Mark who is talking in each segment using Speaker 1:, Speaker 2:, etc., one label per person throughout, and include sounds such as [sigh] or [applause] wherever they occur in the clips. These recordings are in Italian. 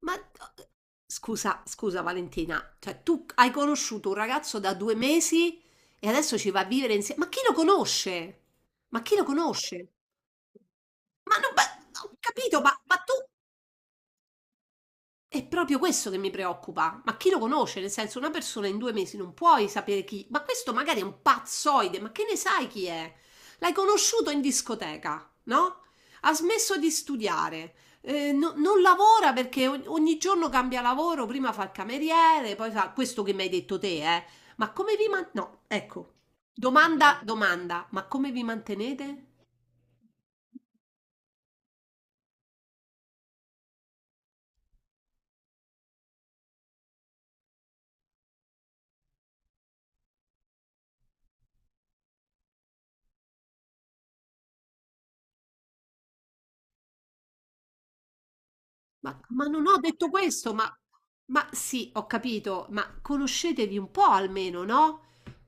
Speaker 1: Ma d- scusa, scusa Valentina, cioè tu hai conosciuto un ragazzo da due mesi e adesso ci va a vivere insieme. Ma chi lo conosce? Ma chi lo conosce? Ma non, ma- ho capito, ma tu... È proprio questo che mi preoccupa. Ma chi lo conosce? Nel senso, una persona in due mesi non puoi sapere chi. Ma questo magari è un pazzoide, ma che ne sai chi è? L'hai conosciuto in discoteca, no? Ha smesso di studiare. Non lavora perché ogni giorno cambia lavoro, prima fa il cameriere, poi fa questo che mi hai detto te, eh. Ma come vi man... No, ecco. Domanda, domanda, ma come vi mantenete? Ma non ho detto questo, ma sì, ho capito, ma conoscetevi un po' almeno, no?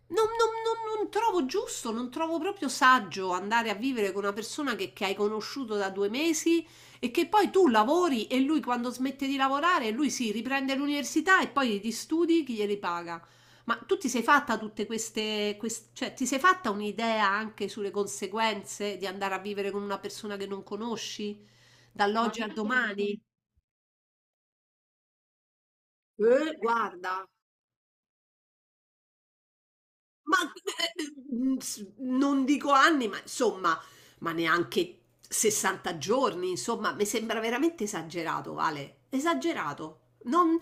Speaker 1: Non trovo giusto, non trovo proprio saggio andare a vivere con una persona che hai conosciuto da due mesi e che poi tu lavori e lui quando smette di lavorare, lui si riprende l'università e poi gli studi chi glieli paga. Ma tu ti sei fatta tutte queste, cioè ti sei fatta un'idea anche sulle conseguenze di andare a vivere con una persona che non conosci. Ma dall'oggi al domani? Guarda, ma non dico anni, ma insomma, ma neanche 60 giorni, insomma, mi sembra veramente esagerato, Vale, esagerato. Non...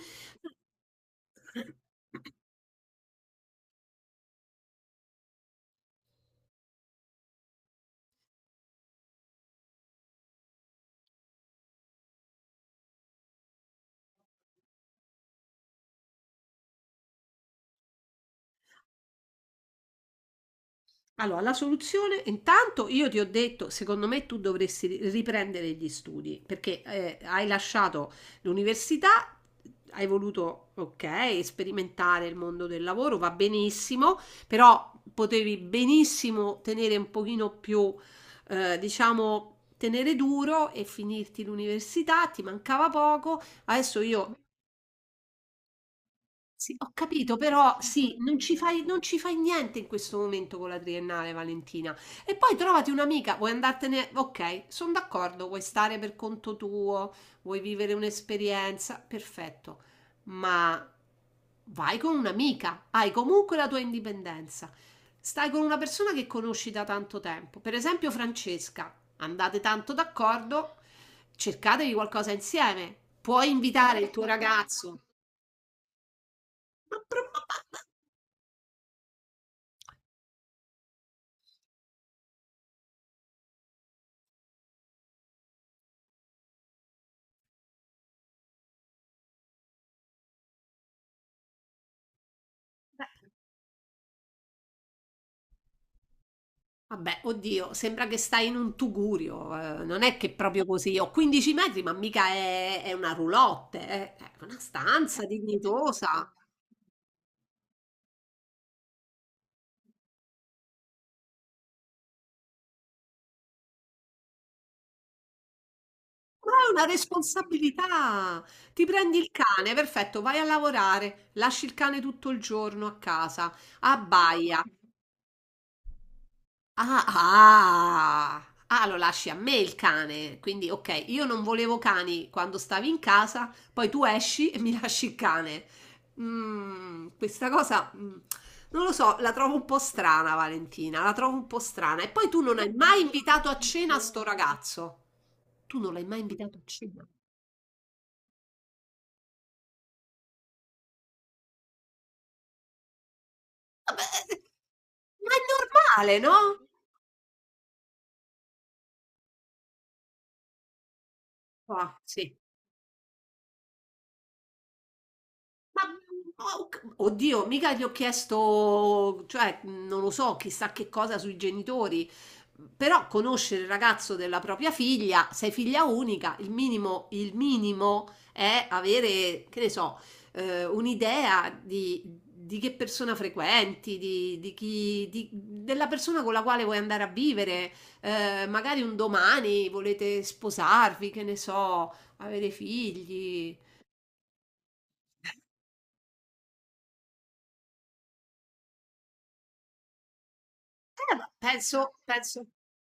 Speaker 1: Allora, la soluzione, intanto io ti ho detto, secondo me tu dovresti riprendere gli studi, perché hai lasciato l'università, hai voluto, ok, sperimentare il mondo del lavoro, va benissimo, però potevi benissimo tenere un pochino più, diciamo, tenere duro e finirti l'università, ti mancava poco. Adesso io sì, ho capito, però sì, non ci fai niente in questo momento con la triennale, Valentina. E poi trovati un'amica, vuoi andartene? Ok, sono d'accordo, vuoi stare per conto tuo, vuoi vivere un'esperienza, perfetto. Ma vai con un'amica, hai comunque la tua indipendenza. Stai con una persona che conosci da tanto tempo, per esempio Francesca, andate tanto d'accordo, cercatevi qualcosa insieme, puoi invitare il tuo ragazzo. Ma- ma- ma- Vabbè, oddio, sembra che stai in un tugurio, non è che proprio così, ho 15 metri, ma mica è una roulotte, è una stanza dignitosa, ma è una responsabilità. Ti prendi il cane, perfetto, vai a lavorare, lasci il cane tutto il giorno a casa, abbaia. Ah, ah, ah, lo lasci a me il cane. Quindi, ok, io non volevo cani quando stavi in casa, poi tu esci e mi lasci il cane. Questa cosa, non lo so, la trovo un po' strana, Valentina, la trovo un po' strana. E poi tu non hai mai invitato a cena sto ragazzo. Tu non l'hai mai invitato a cena? Vabbè, ma è normale, no? Ah, sì. Ma, oh, oddio, mica gli ho chiesto, cioè, non lo so, chissà che cosa sui genitori, però conoscere il ragazzo della propria figlia, sei figlia unica, il minimo è avere, che ne so, un'idea di che persona frequenti, di chi, della persona con la quale vuoi andare a vivere, magari un domani volete sposarvi, che ne so, avere figli. Ma penso, penso.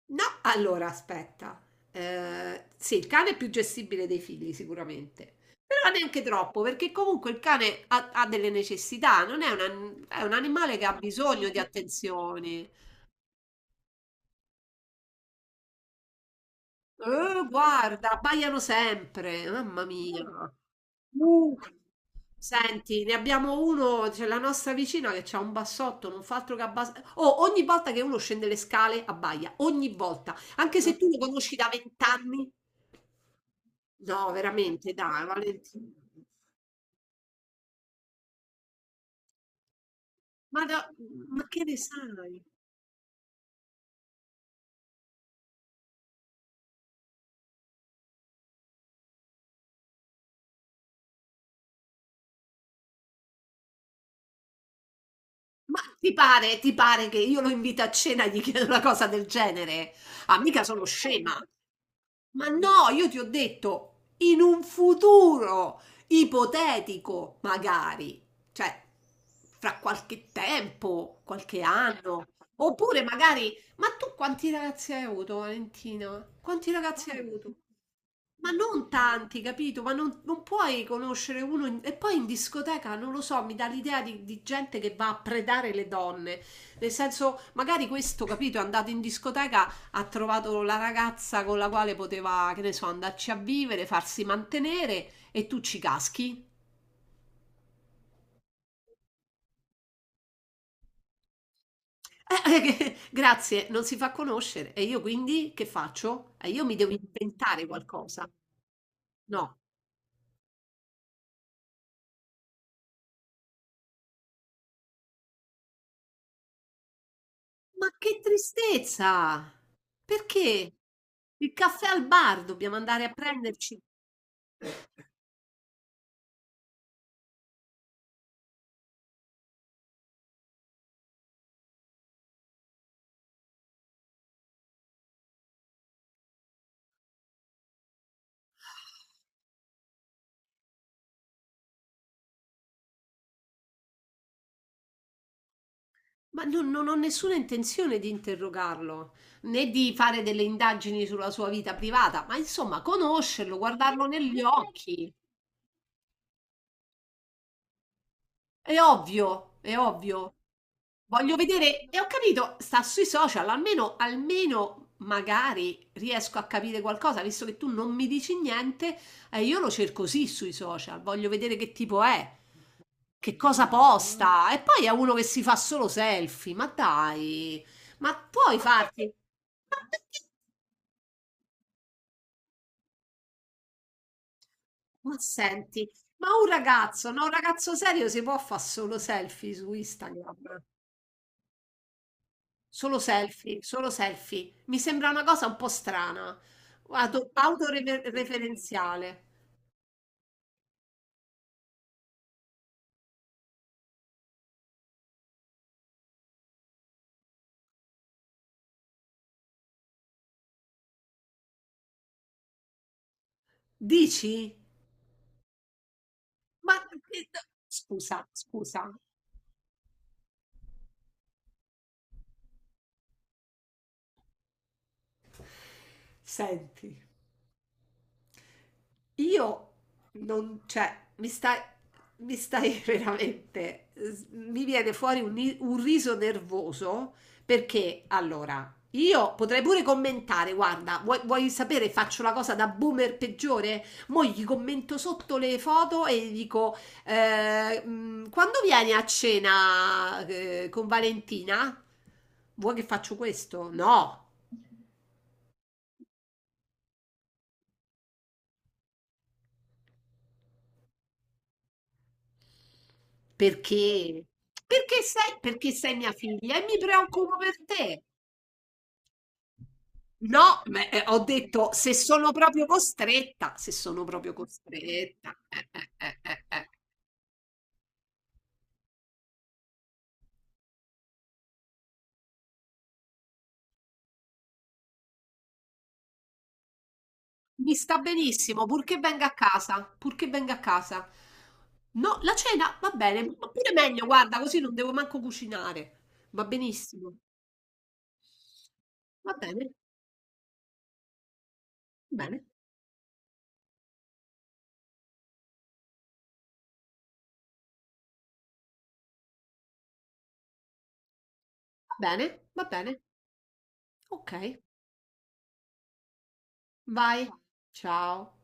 Speaker 1: No, allora aspetta. Sì, il cane è più gestibile dei figli, sicuramente. Però neanche troppo, perché comunque il cane ha, ha delle necessità, non è un, è un animale che ha bisogno di attenzioni. Guarda, abbaiano sempre, mamma mia. Uh. Senti, ne abbiamo uno, c'è la nostra vicina che ha un bassotto, non fa altro che abbassare. Oh, ogni volta che uno scende le scale abbaia, ogni volta, anche se tu lo conosci da vent'anni. No, veramente, dai, Valentina. Ma, da- ma che ne sai? Ma ti pare che io lo invito a cena e gli chiedo una cosa del genere? Ah, mica sono scema. Ma no, io ti ho detto in un futuro ipotetico, magari, cioè fra qualche tempo, qualche anno, oppure magari ma tu quanti ragazzi hai avuto, Valentina? Quanti ragazzi hai avuto? Ma non tanti, capito? Ma non, non puoi conoscere uno. E poi in discoteca, non lo so, mi dà l'idea di gente che va a predare le donne. Nel senso, magari questo, capito, è andato in discoteca, ha trovato la ragazza con la quale poteva, che ne so, andarci a vivere, farsi mantenere e tu ci caschi. [laughs] Grazie, non si fa conoscere. E io quindi che faccio? E io mi devo inventare qualcosa. No. Ma che tristezza! Perché? Il caffè al bar dobbiamo andare a prenderci. Ma non, non ho nessuna intenzione di interrogarlo, né di fare delle indagini sulla sua vita privata, ma insomma, conoscerlo, guardarlo negli occhi. È ovvio, è ovvio. Voglio vedere, e ho capito, sta sui social, almeno, almeno magari riesco a capire qualcosa, visto che tu non mi dici niente, e io lo cerco sì sui social, voglio vedere che tipo è. Che cosa posta? E poi è uno che si fa solo selfie. Ma dai, ma puoi farti? Ma perché? Ma senti, ma un ragazzo, no, un ragazzo serio si può fare solo selfie su Instagram? Solo selfie, solo selfie. Mi sembra una cosa un po' strana, autoreferenziale. Dici? Ma scusa, scusa. Senti. Io non, cioè, mi stai [laughs] veramente, mi viene fuori un, un riso nervoso perché allora io potrei pure commentare, guarda, vuoi, vuoi sapere, faccio la cosa da boomer peggiore? Mo' gli commento sotto le foto e gli dico, quando vieni a cena con Valentina? Vuoi che faccio questo? No. Perché? Perché sei mia figlia e mi preoccupo per te. No, ma, ho detto se sono proprio costretta, se sono proprio costretta. Eh. Mi sta benissimo, purché venga a casa, purché venga a casa. No, la cena va bene, ma pure meglio, guarda, così non devo manco cucinare. Va benissimo. Va bene, va bene, va bene. Ok, vai. Ciao.